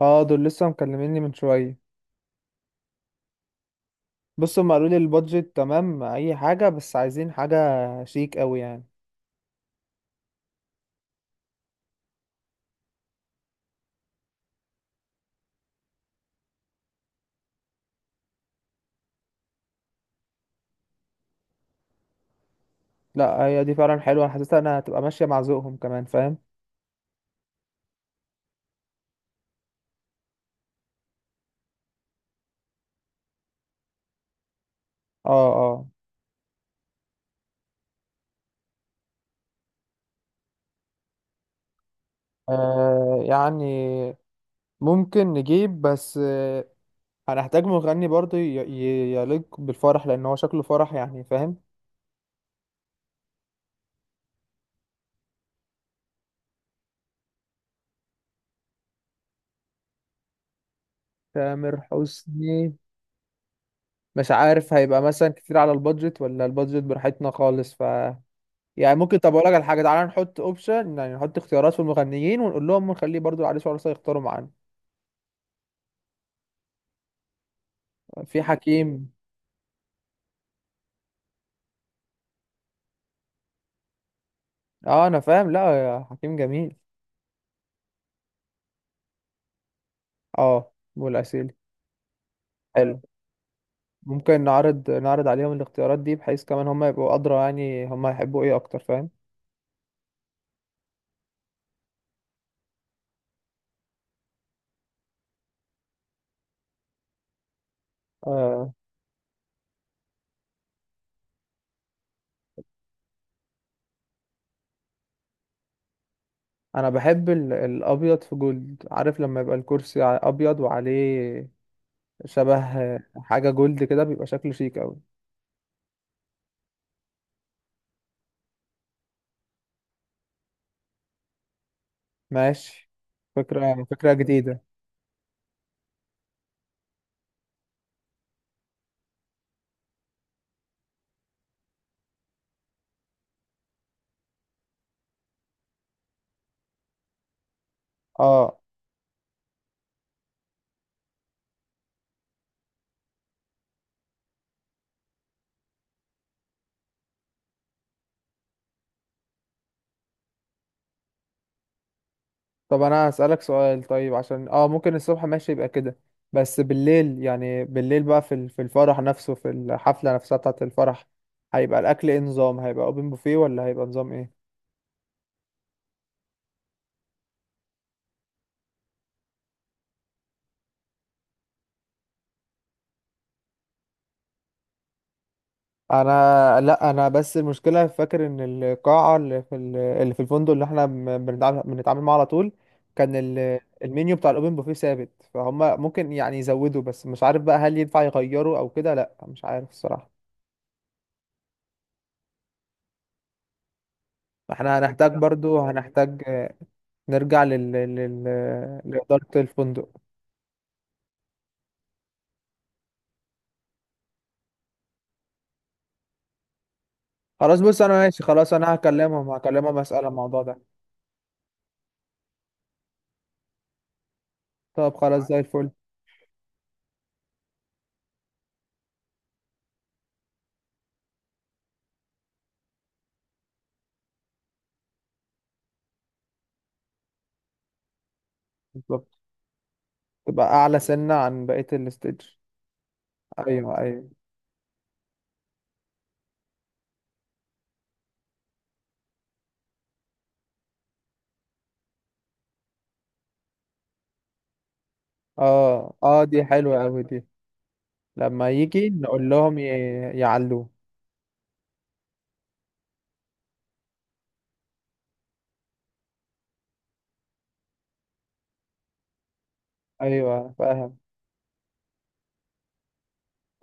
اه دول لسه مكلميني من شويه. بص، هم قالوا لي البادجت تمام اي حاجه، بس عايزين حاجه شيك قوي يعني. لا هي دي فعلا حلوه، انا حاسسها انها هتبقى ماشيه مع ذوقهم كمان، فاهم؟ اه، اه. يعني ممكن نجيب، بس هنحتاج مغني برضه يليق بالفرح، لان هو شكله فرح يعني، فاهم؟ تامر حسني؟ مش عارف هيبقى مثلا كتير على البادجت ولا البادجت براحتنا خالص. يعني ممكن، طب اقول لك على حاجه، تعالى نحط اوبشن، يعني نحط اختيارات في المغنيين، ونقول لهم نخليه برضو العريس والعروسه يختاروا معانا. في حكيم. اه انا فاهم، لا يا حكيم جميل. اه والعسيلي. حلو. ممكن نعرض عليهم الاختيارات دي بحيث كمان هم يبقوا ادرى، يعني هم هيحبوا ايه اكتر، فاهم؟ آه. انا بحب الابيض في جولد، عارف لما يبقى الكرسي ابيض وعليه شبه حاجه جولد كده، بيبقى شكله شيك قوي. ماشي. فكره جديده. اه، طب انا هسألك سؤال طيب، عشان ممكن الصبح ماشي يبقى كده، بس بالليل، بقى في في الفرح نفسه، في الحفلة نفسها بتاعة الفرح، هيبقى الاكل ايه نظام؟ هيبقى اوبن بوفيه ولا هيبقى نظام ايه؟ انا لا انا بس المشكلة فاكر ان القاعة اللي في اللي في الفندق اللي احنا بنتعامل معاه على طول، كان المنيو بتاع الاوبن بوفيه ثابت، فهم ممكن يعني يزودوا، بس مش عارف بقى هل ينفع يغيروا او كده، لا مش عارف الصراحة. فاحنا هنحتاج، برضو هنحتاج نرجع لإدارة الفندق. خلاص، بص انا ماشي، خلاص انا هكلمهم، اسأل عن الموضوع ده. طب خلاص زي الفل. بالظبط، تبقى اعلى سنة عن بقية الستيج. ايوه، ايوه. اه، اه، دي حلوة اوي دي. لما يجي نقول لهم يعلوه. ايوه فاهم.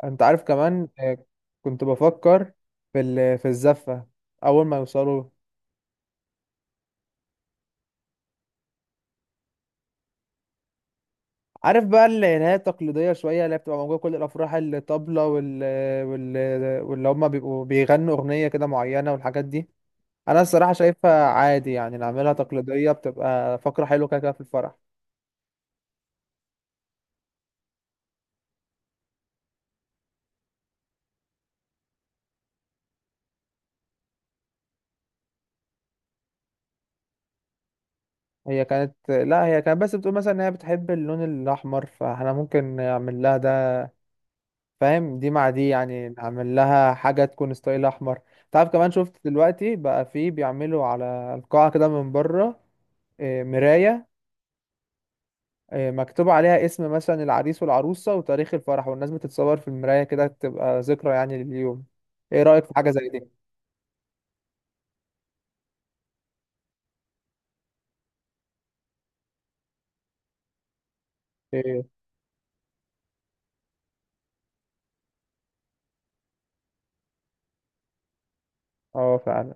انت عارف كمان، كنت بفكر في في الزفة اول ما يوصلوا. عارف بقى اللي هي التقليدية شوية، اللي هي بتبقى موجودة في كل الأفراح، الطبلة وال واللي هما بيبقوا بيغنوا أغنية كده معينة والحاجات دي. أنا الصراحة شايفها عادي، يعني نعملها تقليدية، بتبقى فقرة حلوة كده كده في الفرح. هي كانت لا هي كانت بس بتقول مثلا إن هي بتحب اللون الأحمر، فاحنا ممكن نعمل لها ده، فاهم؟ دي مع دي، يعني نعمل لها حاجة تكون ستايل أحمر. تعرف كمان شفت دلوقتي بقى فيه بيعملوا على القاعة كده من بره. إيه، مراية، مكتوب عليها اسم مثلا العريس والعروسة وتاريخ الفرح، والناس بتتصور في المراية كده تبقى ذكرى يعني لليوم. ايه رأيك في حاجة زي دي؟ ايه. اه فعلا.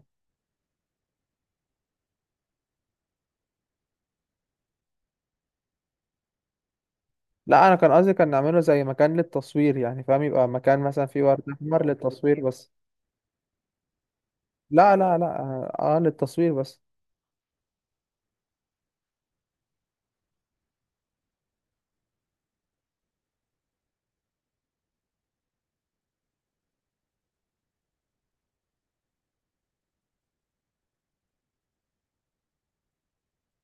لا انا كان قصدي كان نعمله زي مكان للتصوير، يعني فاهم، يبقى مكان مثلا فيه ورد احمر للتصوير بس. لا لا لا، للتصوير بس.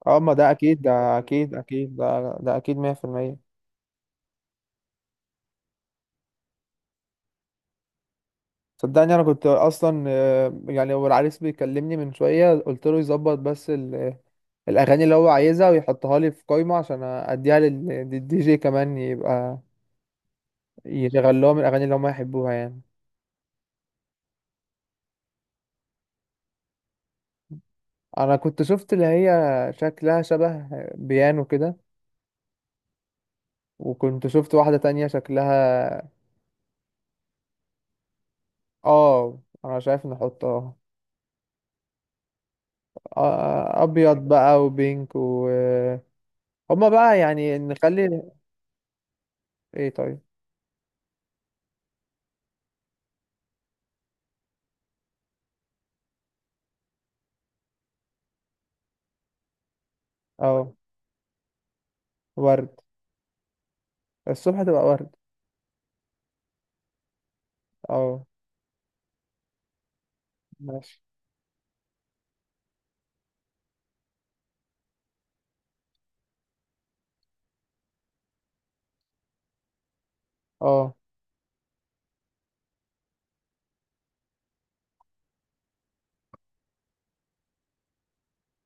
اه، ما ده اكيد، ده اكيد اكيد، ده ده اكيد 100%. صدقني انا كنت اصلا، يعني هو العريس بيكلمني من شوية، قلت له يظبط بس الاغاني اللي هو عايزها ويحطها لي في قائمه عشان اديها للدي جي، كمان يبقى يشغل لهم الاغاني اللي هم يحبوها يعني. انا كنت شفت اللي هي شكلها شبه بيانو كده، وكنت شفت واحده تانية شكلها. اه، انا شايف ان احط ابيض بقى، وبينك و هما بقى يعني نخلي. ايه طيب. اه، ورد، الصبح تبقى ورد. اه ماشي، اه.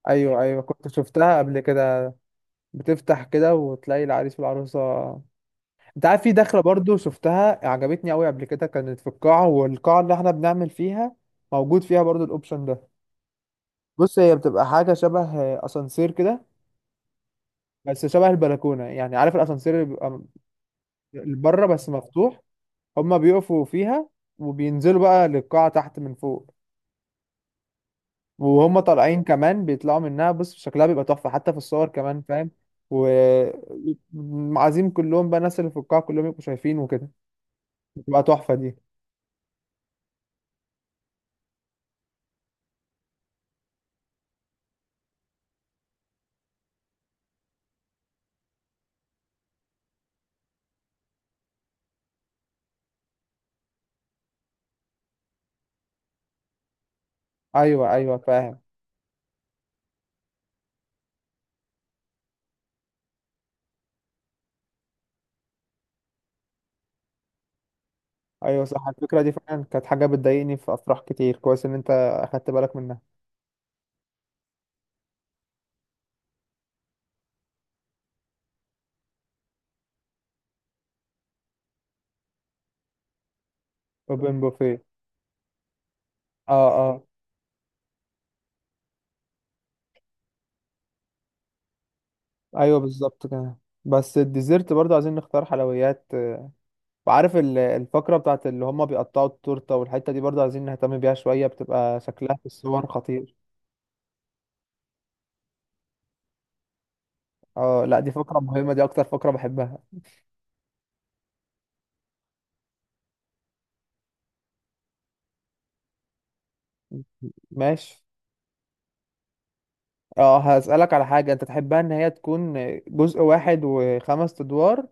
ايوه ايوه، كنت شفتها قبل كده، بتفتح كده وتلاقي العريس والعروسة. انت عارف في دخلة برضو شفتها عجبتني قوي قبل كده، كانت في القاعة، والقاعة اللي احنا بنعمل فيها موجود فيها برضو الاوبشن ده. بص هي بتبقى حاجة شبه اسانسير كده، بس شبه البلكونة يعني، عارف الاسانسير اللي بيبقى بره بس مفتوح، هما بيقفوا فيها وبينزلوا بقى للقاعة تحت من فوق. وهم طالعين كمان بيطلعوا منها، بص شكلها بيبقى تحفة حتى في الصور كمان، فاهم؟ وعازيم كلهم بقى، الناس اللي في القاعة كلهم يبقوا شايفين وكده، بتبقى تحفة دي. أيوة، أيوة، فاهم. أيوة صح، الفكرة دي فعلا كانت حاجة بتضايقني في أفراح كتير، كويس إن أنت أخدت بالك منها. أوبن بوفيه. أه، أه. أيوة بالظبط كده. بس الديزرت برضه عايزين نختار حلويات. وعارف الفقرة بتاعت اللي هما بيقطعوا التورتة، والحتة دي برضه عايزين نهتم بيها شوية، بتبقى شكلها في الصور خطير. أه لأ، دي فقرة مهمة، دي أكتر فقرة بحبها. ماشي. أه، هسألك على حاجة أنت تحبها، إن هي تكون جزء واحد وخمس أدوار،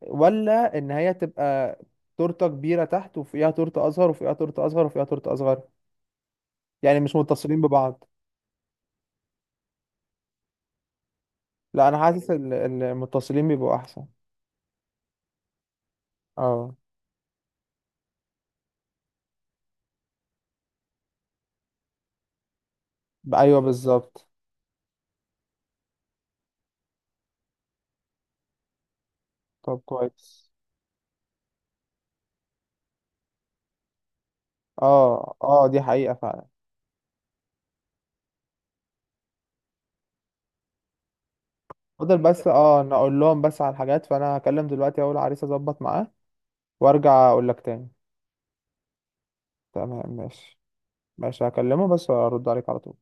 ولا ان هي تبقى تورته كبيره تحت وفوقيها تورته اصغر وفوقيها تورته اصغر وفوقيها تورته اصغر، يعني مش متصلين ببعض. لا انا حاسس المتصلين بيبقوا احسن. اه. ايوه بالظبط. طب كويس. اه اه، دي حقيقه فعلا. فضل بس، اه، انا اقول لهم بس على الحاجات، فانا هكلم دلوقتي اول عريس، اظبط معاه وارجع اقول لك تاني. تمام ماشي. ماشي، هكلمه بس وارد عليك على طول.